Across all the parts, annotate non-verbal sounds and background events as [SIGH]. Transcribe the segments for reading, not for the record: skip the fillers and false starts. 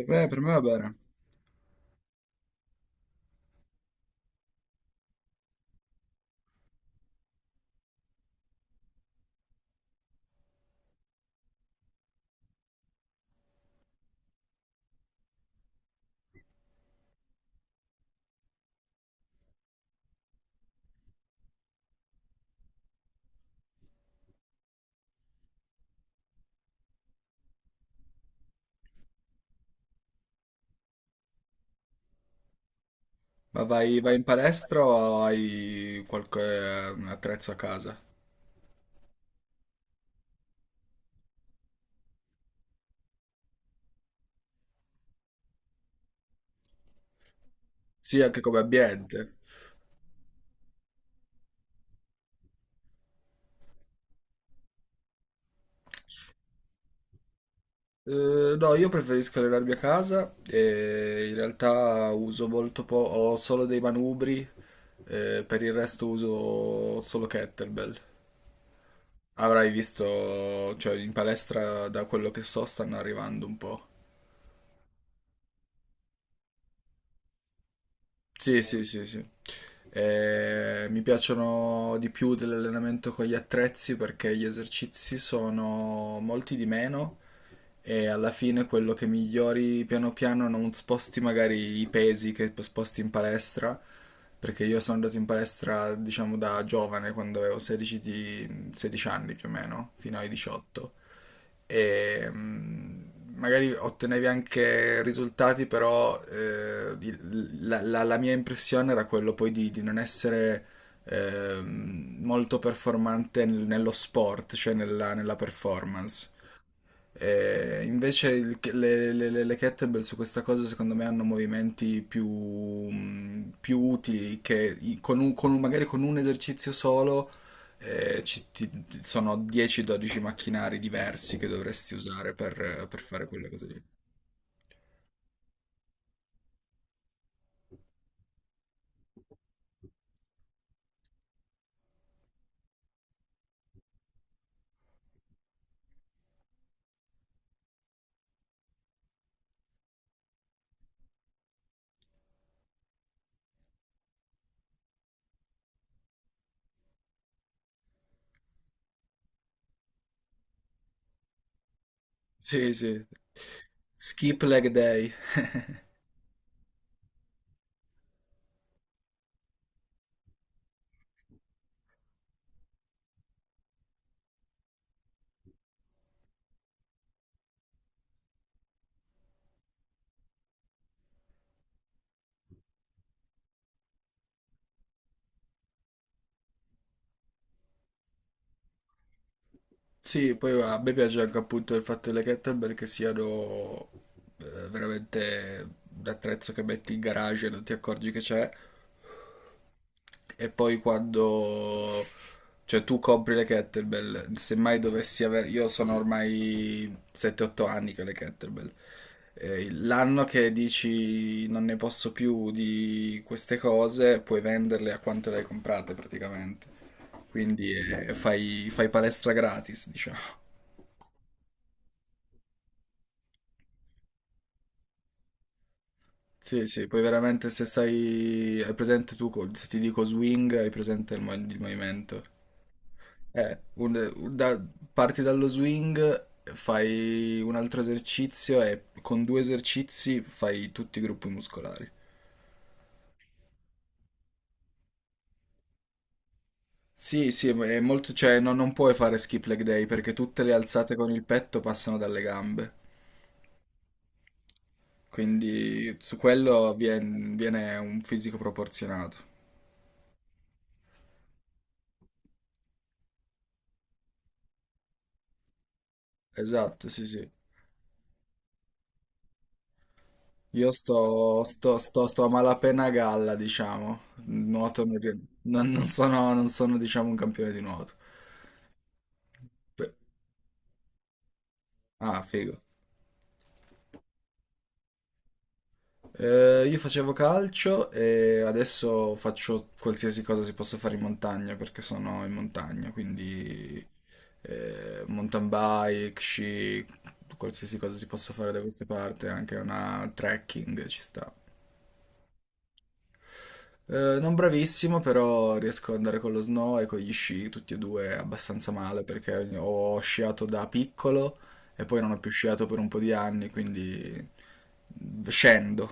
E beh, per me va bene. Ma vai, vai in palestra o hai qualche attrezzo a casa? Sì, anche come ambiente. No, io preferisco allenarmi a casa e in realtà uso molto po', ho solo dei manubri, per il resto uso solo kettlebell. Avrai visto, cioè in palestra da quello che so stanno arrivando un po'. Sì, sì, sì, sì. Mi piacciono di più dell'allenamento con gli attrezzi perché gli esercizi sono molti di meno e alla fine quello che migliori piano piano non sposti magari i pesi che sposti in palestra, perché io sono andato in palestra diciamo da giovane, quando avevo 16 anni più o meno, fino ai 18 e magari ottenevi anche risultati, però la mia impressione era quello poi di non essere molto performante nello sport, cioè nella performance. E invece le kettlebell su questa cosa secondo me hanno movimenti più utili che magari con un esercizio solo eh, ci- ti- sono 10-12 macchinari diversi che dovresti usare per fare quelle cose lì. Sì, sì. Skip leg day. Sì, poi a me piace anche appunto il fatto delle kettlebell che siano veramente un attrezzo che metti in garage e non ti accorgi che c'è. E poi quando... Cioè tu compri le kettlebell, se mai dovessi avere... Io sono ormai 7-8 anni che ho le kettlebell. L'anno che dici non ne posso più di queste cose, puoi venderle a quanto le hai comprate praticamente. Quindi fai, fai palestra gratis, diciamo. Sì, sì, poi veramente se sai, hai presente tu, se ti dico swing, hai presente il, il movimento. Eh, un- un- da- Parti dallo swing, fai un altro esercizio e con due esercizi fai tutti i gruppi muscolari. Sì, sì, ma è molto, cioè non puoi fare skip leg day perché tutte le alzate con il petto passano dalle gambe, quindi su quello viene, un fisico proporzionato. Esatto, sì, sì. Io sto a malapena a galla, diciamo. Nuoto non, ri- non- Non non sono, diciamo, un campione di nuoto. Pe- Ah, figo. Io facevo calcio e adesso faccio qualsiasi cosa si possa fare in montagna perché sono in montagna, quindi mountain bike, sci, qualsiasi cosa si possa fare da queste parti, anche una trekking ci sta. Non bravissimo, però riesco ad andare con lo snow e con gli sci, tutti e due abbastanza male perché ho sciato da piccolo e poi non ho più sciato per un po' di anni, quindi scendo.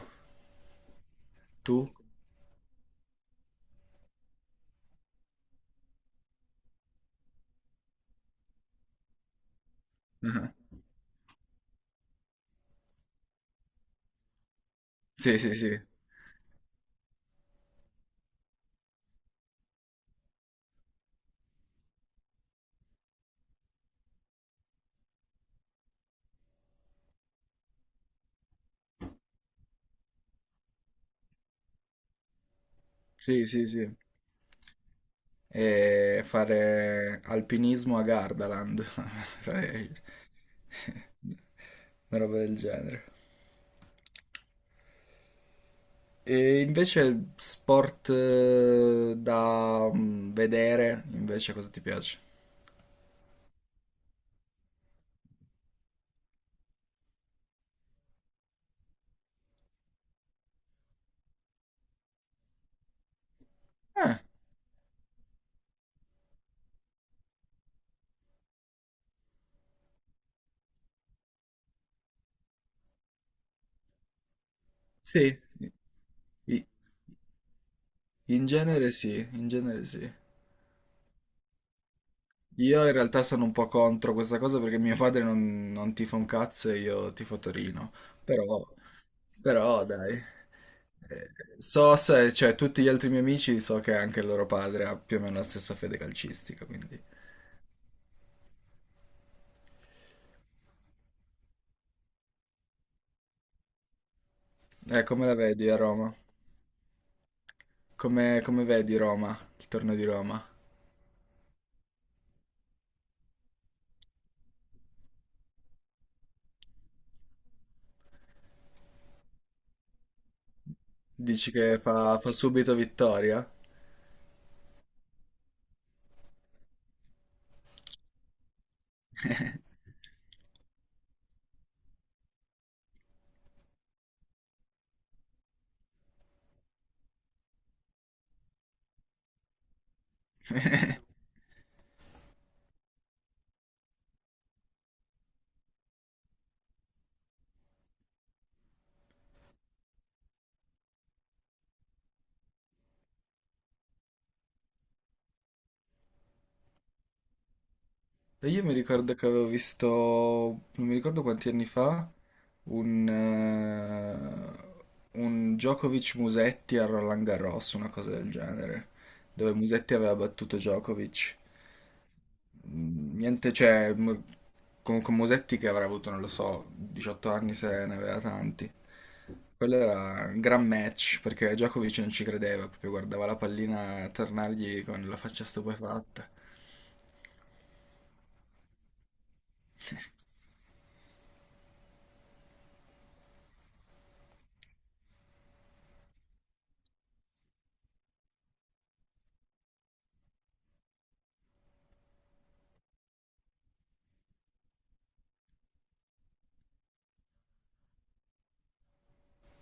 Tu? [LAUGHS] Ah. Sì, sì, sì, sì, sì, sì. E fare alpinismo a Gardaland, [LAUGHS] fare una roba del genere. E invece sport da vedere, invece cosa ti piace? Ah, sì, I- in genere sì, in genere sì. Io in realtà sono un po' contro questa cosa perché mio padre non tifa un cazzo e io tifo Torino, però... Però dai, eh, so se, cioè tutti gli altri miei amici so che anche il loro padre ha più o meno la stessa fede calcistica, quindi... Come la vedi a Roma? Come vedi Roma, il torneo di Roma? Dici che fa, fa subito vittoria? [LAUGHS] E io mi ricordo che avevo visto, non mi ricordo quanti anni fa, un, eh, un Djokovic-Musetti a Roland Garros, una cosa del genere, dove Musetti aveva battuto Djokovic. Niente, con Musetti che avrà avuto, non lo so, 18 anni se ne aveva tanti. Quello era un gran match, perché Djokovic non ci credeva, proprio guardava la pallina tornargli con la faccia stupefatta.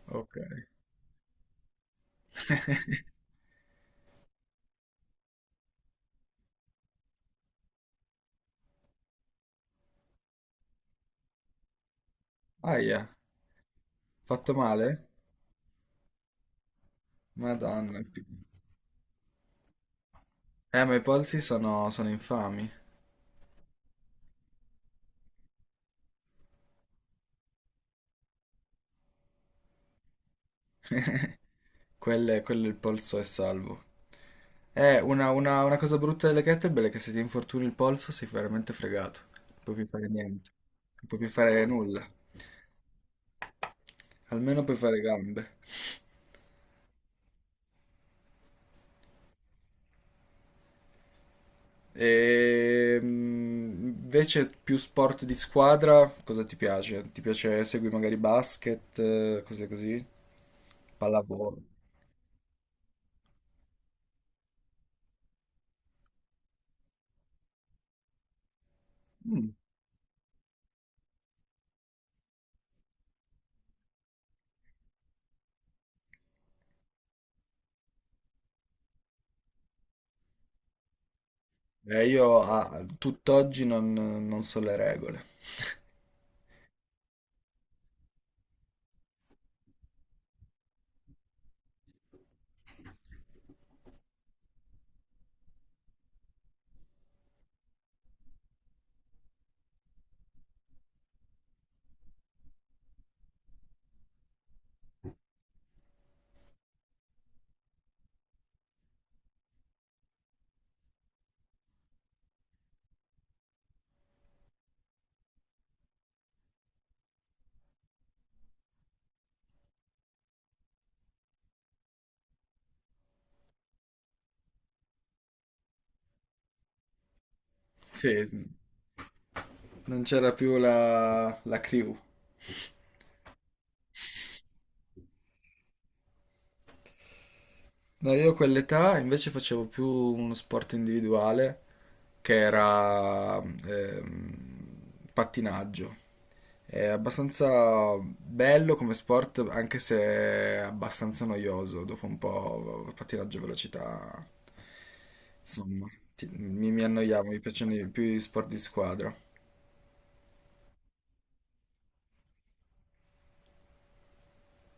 Ok. Aia, fatto male? Madonna. Ma i polsi sono, sono infami. Quello il polso è salvo. Una cosa brutta delle kettlebell è che se ti infortuni il polso sei veramente fregato. Non puoi più fare niente. Non puoi più fare nulla. Almeno puoi fare gambe. E invece più sport di squadra, cosa ti piace? Ti piace segui magari basket, cose così? Pallavolo. Mm. Io a tutt'oggi non so le regole. Sì, non c'era più la, la crew. No, io a quell'età invece facevo più uno sport individuale che era pattinaggio. È abbastanza bello come sport, anche se è abbastanza noioso. Dopo un po', il pattinaggio a velocità, insomma, mi annoiavo, mi piacciono più gli sport di squadra.